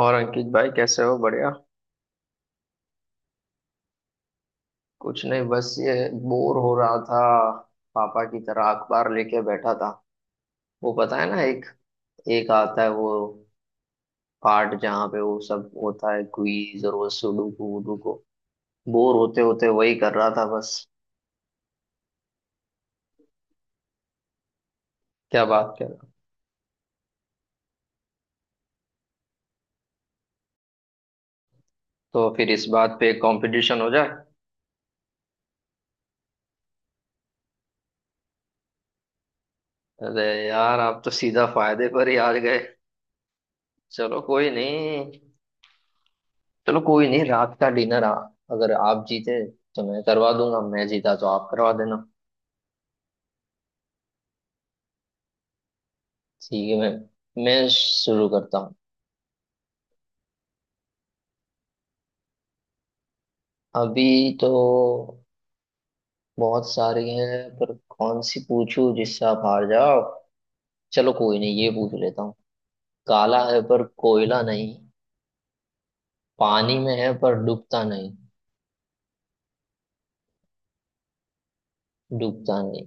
और अंकित भाई कैसे हो। बढ़िया। कुछ नहीं बस ये बोर हो रहा था। पापा की तरह अखबार लेके बैठा था। वो पता है ना एक एक आता है वो पार्ट जहाँ पे वो सब होता है क्विज और वो सुडोकू वुडोकू। बोर होते होते वही कर रहा था बस। क्या बात कर रहा हूँ। तो फिर इस बात पे कंपटीशन हो जाए। अरे यार आप तो सीधा फायदे पर ही आ गए। चलो कोई नहीं चलो कोई नहीं, रात का डिनर। आ अगर आप जीते तो मैं करवा दूंगा, मैं जीता तो आप करवा देना। ठीक है मैम। मैं शुरू करता हूँ अभी। तो बहुत सारी हैं पर कौन सी पूछूं जिससे आप हार जाओ। चलो कोई नहीं, ये पूछ लेता हूँ। काला है पर कोयला नहीं, पानी में है पर डूबता नहीं। डूबता नहीं।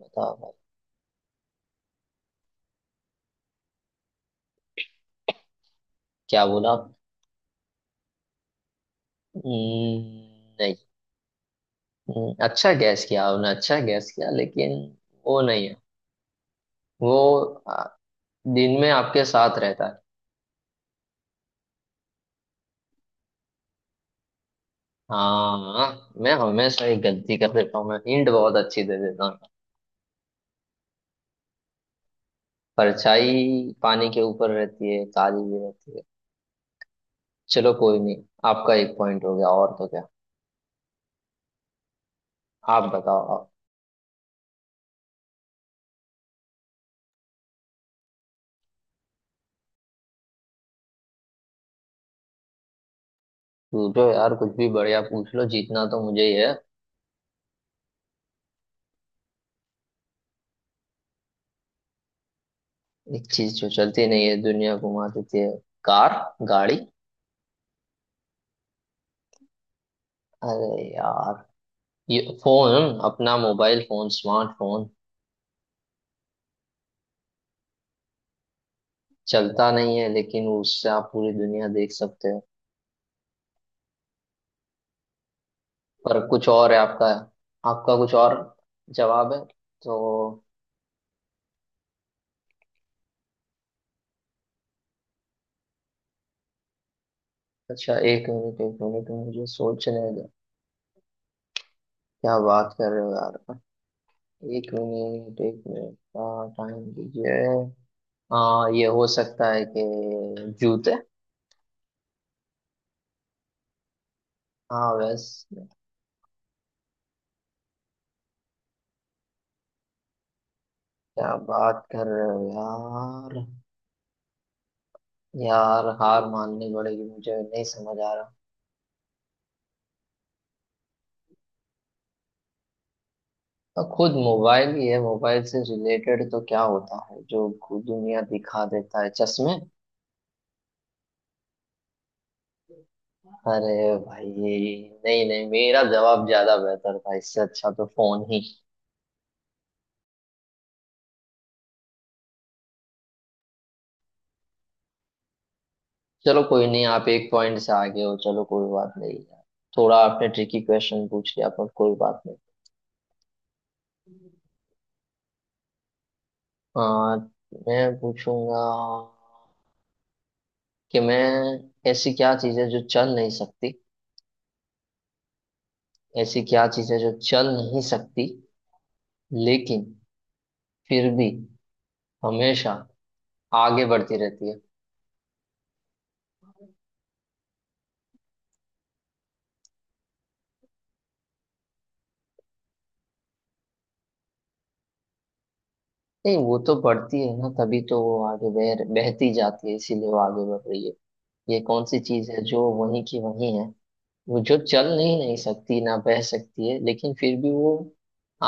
बताओ भाई। क्या बोला आप। नहीं। अच्छा, गैस किया आपने, अच्छा गैस किया, लेकिन वो नहीं है। वो आ, दिन में आपके साथ रहता है। हाँ मैं हमेशा ही गलती कर देता हूँ, मैं हिंट बहुत अच्छी दे देता हूँ। परछाई पानी के ऊपर रहती है, काली भी रहती है। चलो कोई नहीं, आपका एक पॉइंट हो गया। और तो क्या। आप बताओ आप। पूछो यार कुछ भी, बढ़िया पूछ लो, जीतना तो मुझे ही है। एक चीज जो चलती नहीं है दुनिया घुमा देती है। कार। गाड़ी। अरे यार, ये फोन अपना मोबाइल फोन स्मार्टफोन, चलता नहीं है लेकिन उससे आप पूरी दुनिया देख सकते हो। पर कुछ और है आपका, आपका कुछ और जवाब है। तो अच्छा, एक मिनट मुझे सोचने दो। क्या बात कर रहे हो यार। एक मिनट का टाइम दीजिए। हाँ ये हो सकता है कि जूते। हाँ बस। क्या बात कर रहे हो यार। यार हार माननी पड़ेगी, मुझे नहीं समझ आ रहा। हाँ, खुद मोबाइल ही है। मोबाइल से रिलेटेड तो क्या होता है जो खुद दुनिया दिखा देता है, चश्मे। अरे भाई, नहीं नहीं, मेरा जवाब ज्यादा बेहतर था, इससे अच्छा तो फोन ही। चलो कोई नहीं, आप एक पॉइंट से आगे हो। चलो कोई बात नहीं यार। थोड़ा आपने ट्रिकी क्वेश्चन पूछ लिया, पर कोई बात नहीं। आ, मैं पूछूंगा कि मैं, ऐसी क्या चीज़ है जो चल नहीं सकती। ऐसी क्या चीज़ है जो चल नहीं सकती, लेकिन फिर भी हमेशा आगे बढ़ती रहती है। नहीं, वो तो बढ़ती है ना, तभी तो वो आगे बह बहती जाती है, इसीलिए वो आगे बढ़ रही है। ये कौन सी चीज़ है जो वहीं की वहीं है। वो जो चल नहीं नहीं सकती, ना बह सकती है, लेकिन फिर भी वो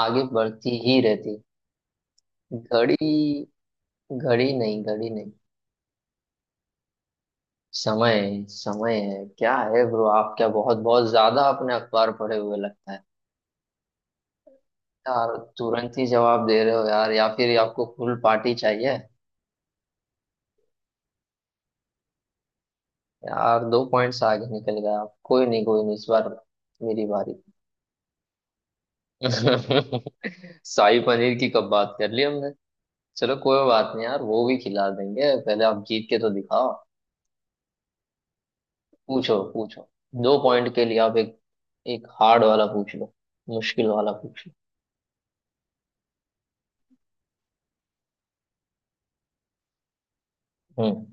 आगे बढ़ती ही रहती। घड़ी। घड़ी नहीं, घड़ी नहीं। समय है, समय है क्या है ब्रो। आप क्या बहुत बहुत ज्यादा अपने अखबार पढ़े हुए लगता है। यार तुरंत ही जवाब दे रहे हो यार, या फिर आपको फुल पार्टी चाहिए। यार दो पॉइंट्स आगे निकल गए आप। कोई नहीं कोई नहीं, इस बार मेरी बारी। शाही पनीर की कब बात कर ली हमने। चलो कोई बात नहीं यार, वो भी खिला देंगे, पहले आप जीत के तो दिखाओ। पूछो पूछो। दो पॉइंट के लिए आप एक एक हार्ड वाला पूछ लो, मुश्किल वाला पूछ लो। हम्म।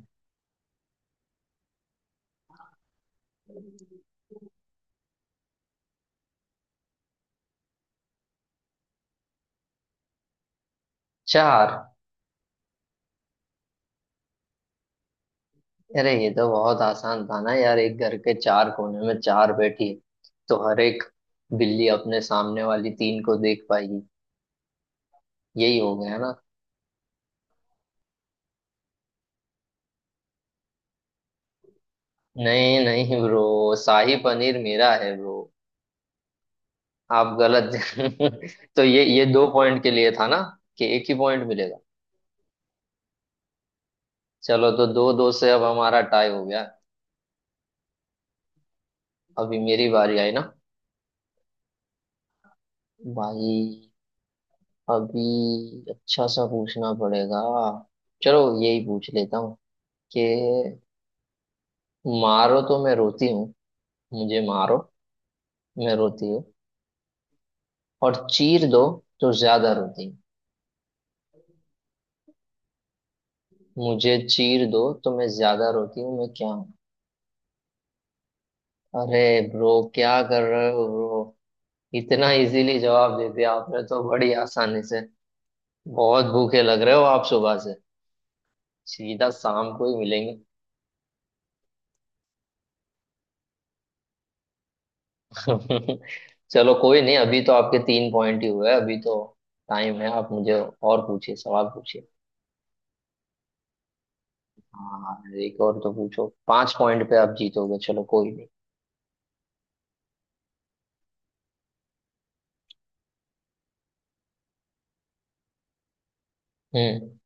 चार। अरे ये तो बहुत आसान था ना यार। एक घर के चार कोने में चार बैठी है, तो हर एक बिल्ली अपने सामने वाली तीन को देख पाएगी। यही हो गया ना। नहीं नहीं ब्रो, शाही पनीर मेरा है ब्रो। आप गलत। तो ये दो पॉइंट के लिए था ना, कि एक ही पॉइंट मिलेगा। चलो, तो दो दो से अब हमारा टाई हो गया। अभी मेरी बारी आई ना भाई। अभी अच्छा सा पूछना पड़ेगा। चलो यही पूछ लेता हूँ कि मारो तो मैं रोती हूँ। मुझे मारो, मैं रोती हूँ, और चीर दो तो ज्यादा रोती हूँ। मुझे चीर दो तो मैं ज्यादा रोती हूँ। मैं क्या हूँ। अरे ब्रो, क्या कर रहे हो ब्रो। इतना इजीली जवाब दे दिया आपने, तो बड़ी आसानी से। बहुत भूखे लग रहे हो आप सुबह से। सीधा शाम को ही मिलेंगे। चलो कोई नहीं, अभी तो आपके तीन पॉइंट ही हुए, अभी तो टाइम है। आप मुझे और पूछिए, सवाल पूछिए। हाँ एक और तो पूछो, पांच पॉइंट पे आप जीतोगे। चलो कोई नहीं। हम्म।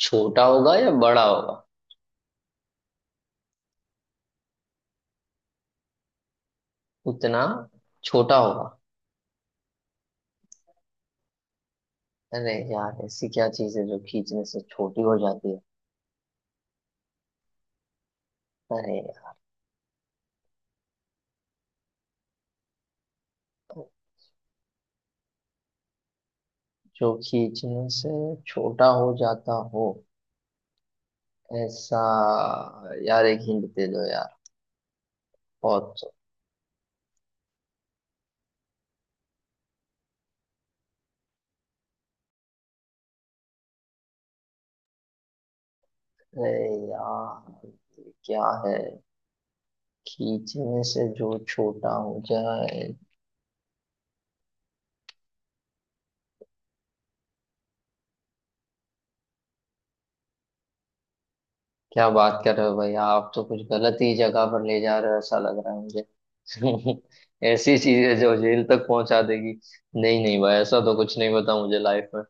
छोटा होगा या बड़ा होगा। उतना छोटा होगा। अरे यार, ऐसी क्या चीज है जो खींचने से छोटी हो जाती है। अरे यार, जो खींचने से छोटा हो जाता हो ऐसा। यार एक हिंट दे दो यार। बहुत। अरे यार क्या है। खींचने से जो छोटा हो जाए। क्या बात कर रहे हो भाई, आप तो कुछ गलत ही जगह पर ले जा रहे हो, ऐसा लग रहा है मुझे। ऐसी चीजें जो जेल तक पहुंचा देगी। नहीं नहीं भाई, ऐसा तो कुछ नहीं पता मुझे लाइफ में।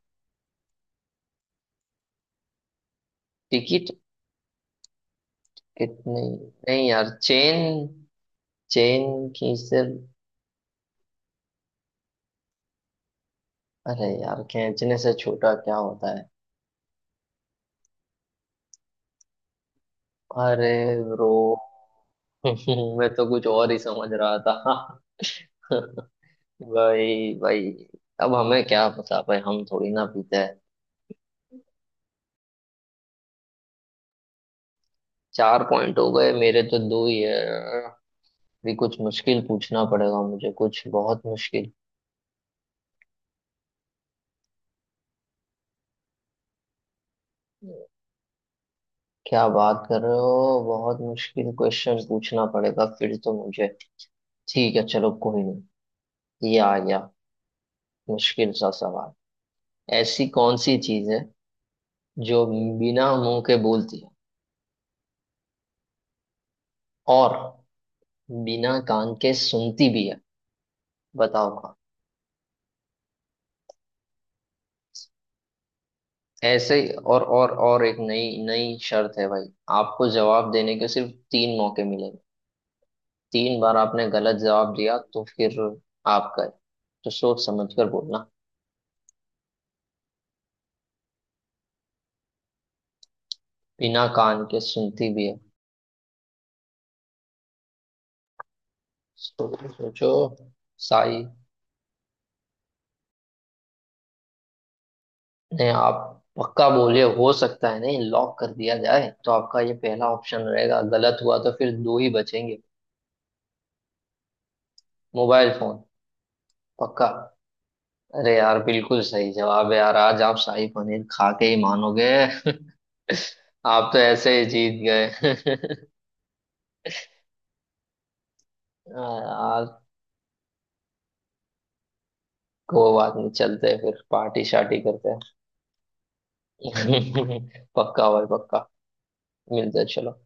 टिकट। कितनी। नहीं यार, चेन। चेन खींचते। अरे यार, खींचने से छोटा क्या होता है। अरे ब्रो। मैं तो कुछ और ही समझ रहा था। भाई भाई। अब हमें क्या पता भाई, हम थोड़ी ना पीते हैं। चार पॉइंट हो गए, मेरे तो दो ही है। भी कुछ मुश्किल पूछना पड़ेगा मुझे, कुछ बहुत मुश्किल। क्या बात कर रहे हो, बहुत मुश्किल क्वेश्चन पूछना पड़ेगा फिर तो मुझे। ठीक है चलो कोई नहीं, ये आ गया मुश्किल सा सवाल। ऐसी कौन सी चीज है जो बिना मुंह के बोलती है और बिना कान के सुनती भी है। बताओ। ऐसे ही, और एक नई नई शर्त है भाई। आपको जवाब देने के सिर्फ तीन मौके मिलेंगे। तीन बार आपने गलत जवाब दिया तो फिर आपका है। तो सोच समझ कर बोलना। बिना कान के सुनती भी है। सोचो सोचो। साई ने आप पक्का बोले हो सकता है, नहीं लॉक कर दिया जाए तो आपका ये पहला ऑप्शन रहेगा, गलत हुआ तो फिर दो ही बचेंगे। मोबाइल फोन, पक्का। अरे यार बिल्कुल सही जवाब है यार। आज आप शाही पनीर खा के ही मानोगे। आप तो ऐसे ही जीत गए। हाँ यार। कोई बात नहीं, चलते हैं फिर पार्टी शार्टी करते हैं। पक्का भाई पक्का। मिलते हैं, चलो।